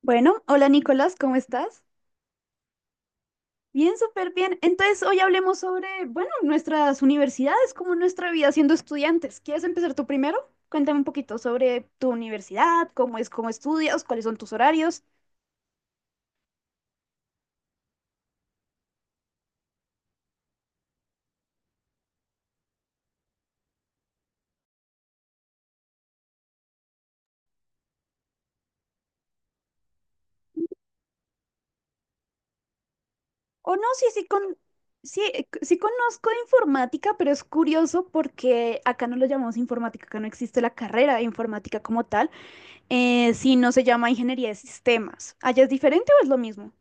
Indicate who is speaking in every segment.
Speaker 1: Bueno, hola Nicolás, ¿cómo estás? Bien, súper bien. Entonces, hoy hablemos sobre, bueno, nuestras universidades, como nuestra vida siendo estudiantes. ¿Quieres empezar tú primero? Cuéntame un poquito sobre tu universidad, cómo es, cómo estudias, cuáles son tus horarios. O no, sí, sí, sí, sí conozco de informática, pero es curioso porque acá no lo llamamos informática, acá no existe la carrera de informática como tal, sino se llama ingeniería de sistemas. ¿Allá es diferente o es lo mismo?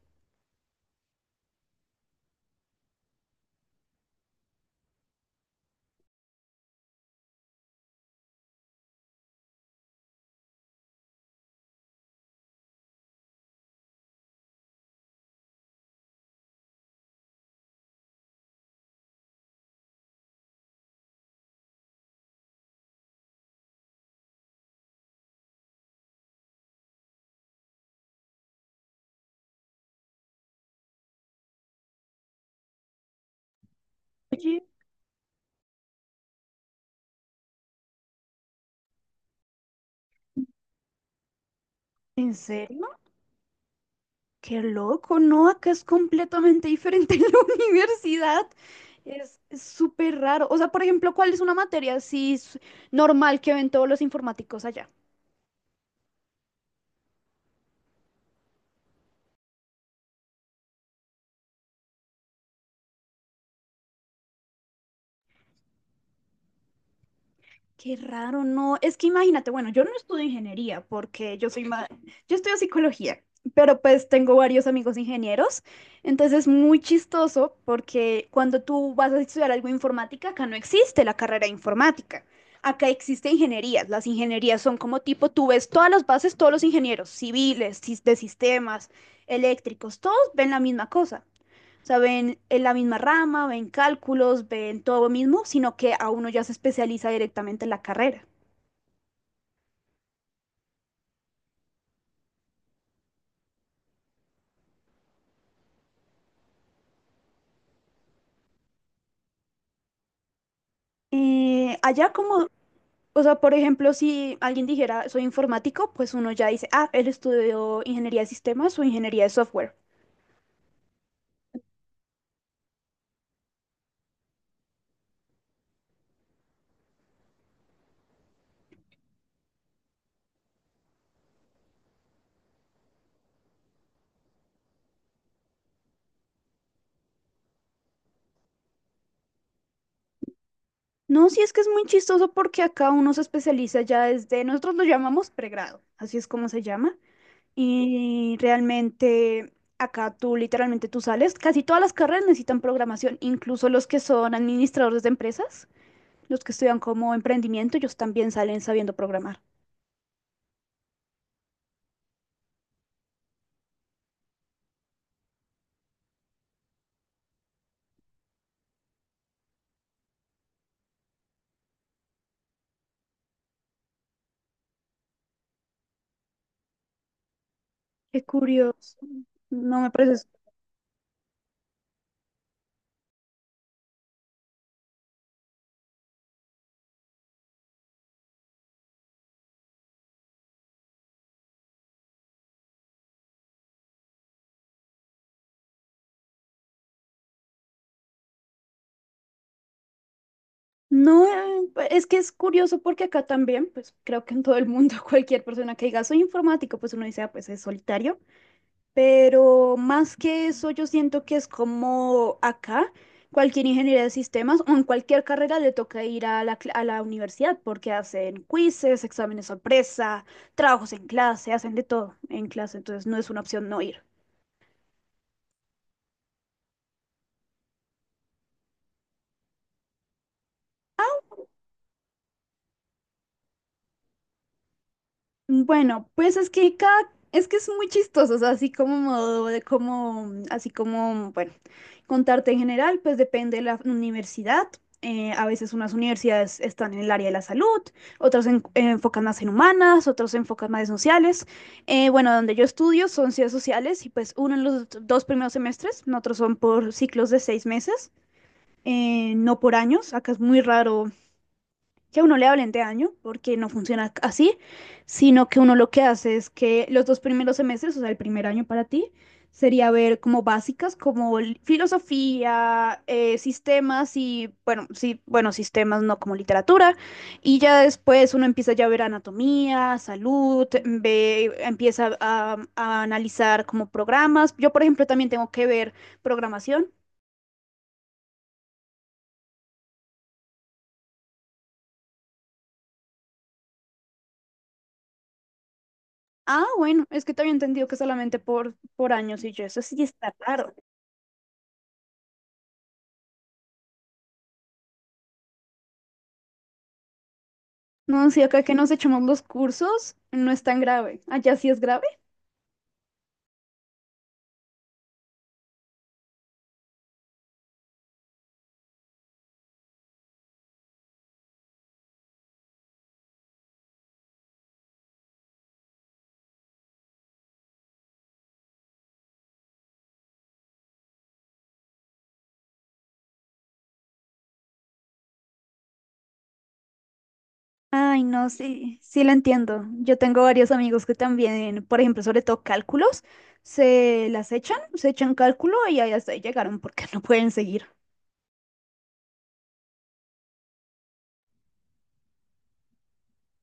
Speaker 1: Oye, ¿en serio? Qué loco, ¿no? Acá es completamente diferente en la universidad. Es súper raro. O sea, por ejemplo, ¿cuál es una materia así normal que ven todos los informáticos allá? Qué raro, no. Es que imagínate, bueno, yo no estudio ingeniería porque yo soy más, yo estudio psicología, pero pues tengo varios amigos ingenieros, entonces es muy chistoso porque cuando tú vas a estudiar algo de informática, acá no existe la carrera de informática. Acá existe ingenierías. Las ingenierías son como tipo, tú ves todas las bases, todos los ingenieros civiles, de sistemas, eléctricos, todos ven la misma cosa. O sea, ven en la misma rama, ven cálculos, ven todo lo mismo, sino que a uno ya se especializa directamente en la carrera. Allá como, o sea, por ejemplo, si alguien dijera soy informático, pues uno ya dice, ah, él estudió ingeniería de sistemas o ingeniería de software. No, sí es que es muy chistoso porque acá uno se especializa ya desde, nosotros lo llamamos pregrado, así es como se llama. Y realmente acá tú literalmente tú sales, casi todas las carreras necesitan programación, incluso los que son administradores de empresas. Los que estudian como emprendimiento, ellos también salen sabiendo programar. Qué curioso. No me parece. No, es que es curioso porque acá también, pues creo que en todo el mundo, cualquier persona que diga soy informático, pues uno dice, "Ah, pues es solitario." Pero más que eso, yo siento que es como acá, cualquier ingeniería de sistemas o en cualquier carrera le toca ir a la universidad porque hacen quizzes, exámenes sorpresa, trabajos en clase, hacen de todo en clase, entonces no es una opción no ir. Bueno, pues es que es muy chistoso, o sea, así como modo de como, así como, bueno, contarte en general, pues depende de la universidad. A veces unas universidades están en el área de la salud, otras enfocan más en humanas, otras se enfocan más en sociales. Bueno, donde yo estudio son ciencias sociales y pues uno en los dos primeros semestres, otros son por ciclos de 6 meses, no por años. Acá es muy raro que a uno le hablen de año, porque no funciona así, sino que uno lo que hace es que los dos primeros semestres, o sea, el primer año para ti, sería ver como básicas, como filosofía, sistemas y, bueno, sí, bueno, sistemas, no como literatura, y ya después uno empieza ya a ver anatomía, salud, ve, empieza a analizar como programas. Yo, por ejemplo, también tengo que ver programación. Ah, bueno, es que te había entendido que solamente por años y yo, eso sí está claro. No, sí, acá que nos echamos los cursos, no es tan grave. Allá sí es grave. Ay, no, sí, sí lo entiendo. Yo tengo varios amigos que también, por ejemplo, sobre todo cálculos, se las echan, se echan cálculo y ahí hasta ahí llegaron porque no pueden seguir.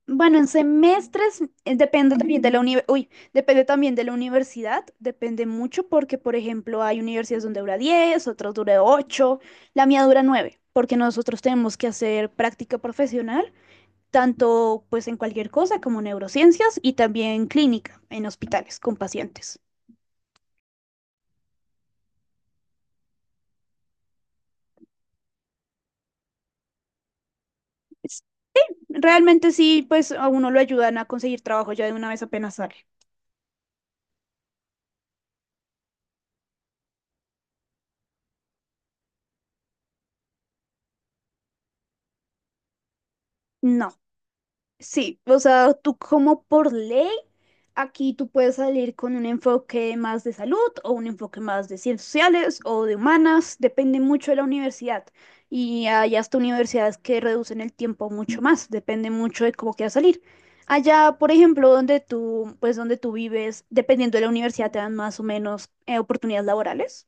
Speaker 1: Bueno, en semestres, depende también de la universidad, depende mucho porque, por ejemplo, hay universidades donde dura 10, otras dura 8, la mía dura 9 porque nosotros tenemos que hacer práctica profesional tanto pues en cualquier cosa como neurociencias y también clínica en hospitales con pacientes. Es- Realmente sí, pues a uno lo ayudan a conseguir trabajo ya de una vez apenas sale. No. Sí, o sea, tú como por ley, aquí tú puedes salir con un enfoque más de salud o un enfoque más de ciencias sociales o de humanas, depende mucho de la universidad. Y hay hasta universidades que reducen el tiempo mucho más, depende mucho de cómo quieras salir. Allá, por ejemplo, donde tú, pues donde tú vives, dependiendo de la universidad, te dan más o menos oportunidades laborales.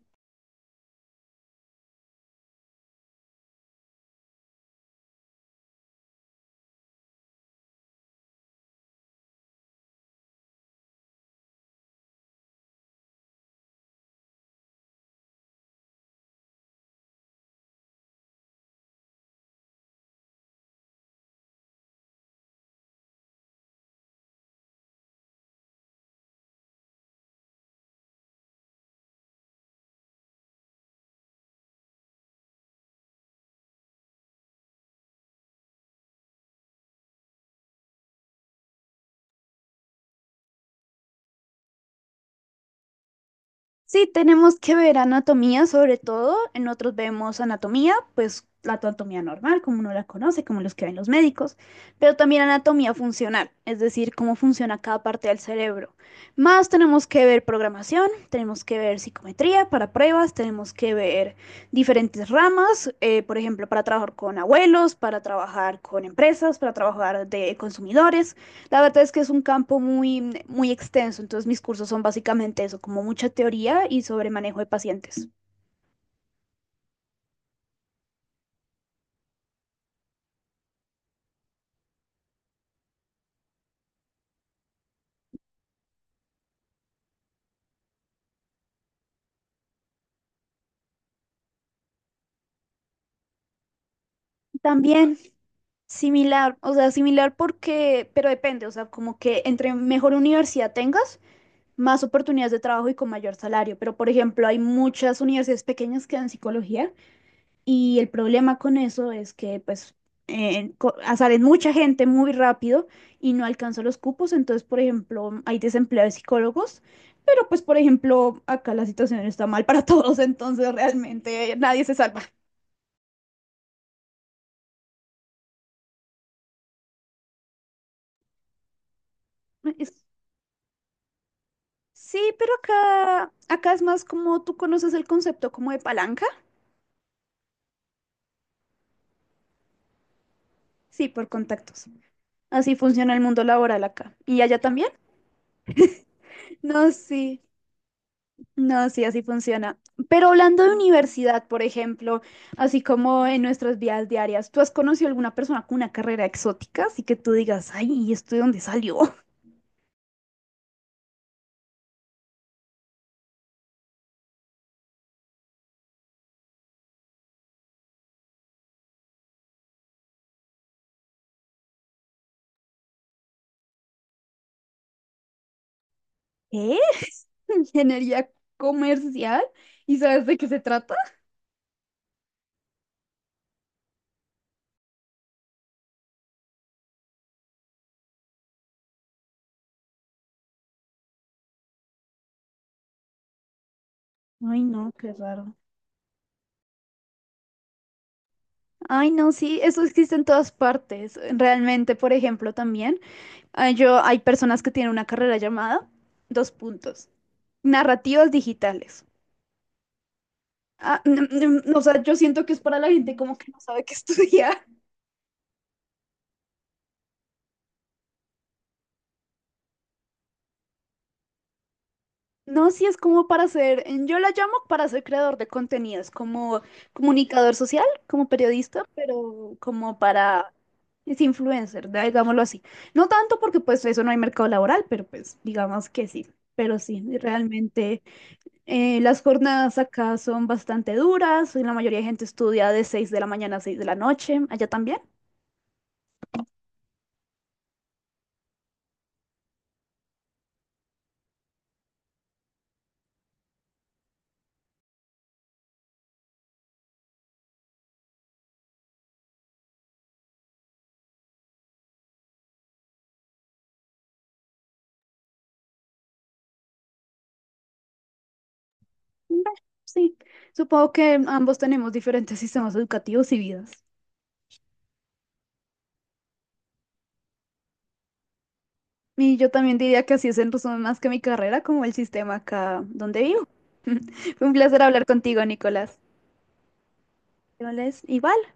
Speaker 1: Sí, tenemos que ver anatomía sobre todo. En otros vemos anatomía, pues la anatomía normal, como uno la conoce, como los que ven los médicos, pero también anatomía funcional, es decir, cómo funciona cada parte del cerebro. Más tenemos que ver programación, tenemos que ver psicometría para pruebas, tenemos que ver diferentes ramas, por ejemplo, para trabajar con abuelos, para trabajar con empresas, para trabajar de consumidores. La verdad es que es un campo muy, muy extenso, entonces mis cursos son básicamente eso, como mucha teoría y sobre manejo de pacientes. También similar, o sea, similar porque, pero depende, o sea, como que entre mejor universidad tengas, más oportunidades de trabajo y con mayor salario. Pero, por ejemplo, hay muchas universidades pequeñas que dan psicología. Y el problema con eso es que, pues, sale mucha gente muy rápido y no alcanza los cupos. Entonces, por ejemplo, hay desempleo de psicólogos, pero pues, por ejemplo, acá la situación está mal para todos, entonces realmente nadie se salva. Es- Sí, pero acá es más como tú conoces el concepto como de palanca. Sí, por contactos. Así funciona el mundo laboral acá. ¿Y allá también? No, sí. No, sí, así funciona. Pero hablando de universidad, por ejemplo, así como en nuestras vidas diarias, ¿tú has conocido alguna persona con una carrera exótica? Así que tú digas, ay, ¿y esto de dónde salió? ¿Qué? ¿Ingeniería comercial? ¿Y sabes de qué se trata? Ay, no, qué raro. Ay, no, sí, eso existe en todas partes. Realmente, por ejemplo, también hay personas que tienen una carrera llamada, dos puntos, narrativas digitales. Ah, o sea, yo siento que es para la gente como que no sabe qué estudiar. No, sí es como para ser, yo la llamo para ser creador de contenidos, como comunicador social, como periodista, pero como para, es influencer, digámoslo así. No tanto porque pues eso no hay mercado laboral, pero pues digamos que sí. Pero sí, realmente, las jornadas acá son bastante duras, y la mayoría de gente estudia de 6 de la mañana a 6 de la noche, allá también. Bueno, sí, supongo que ambos tenemos diferentes sistemas educativos y vidas. Y yo también diría que así es en resumen más que mi carrera, como el sistema acá donde vivo. Fue un placer hablar contigo, Nicolás. Nicolás, y bye.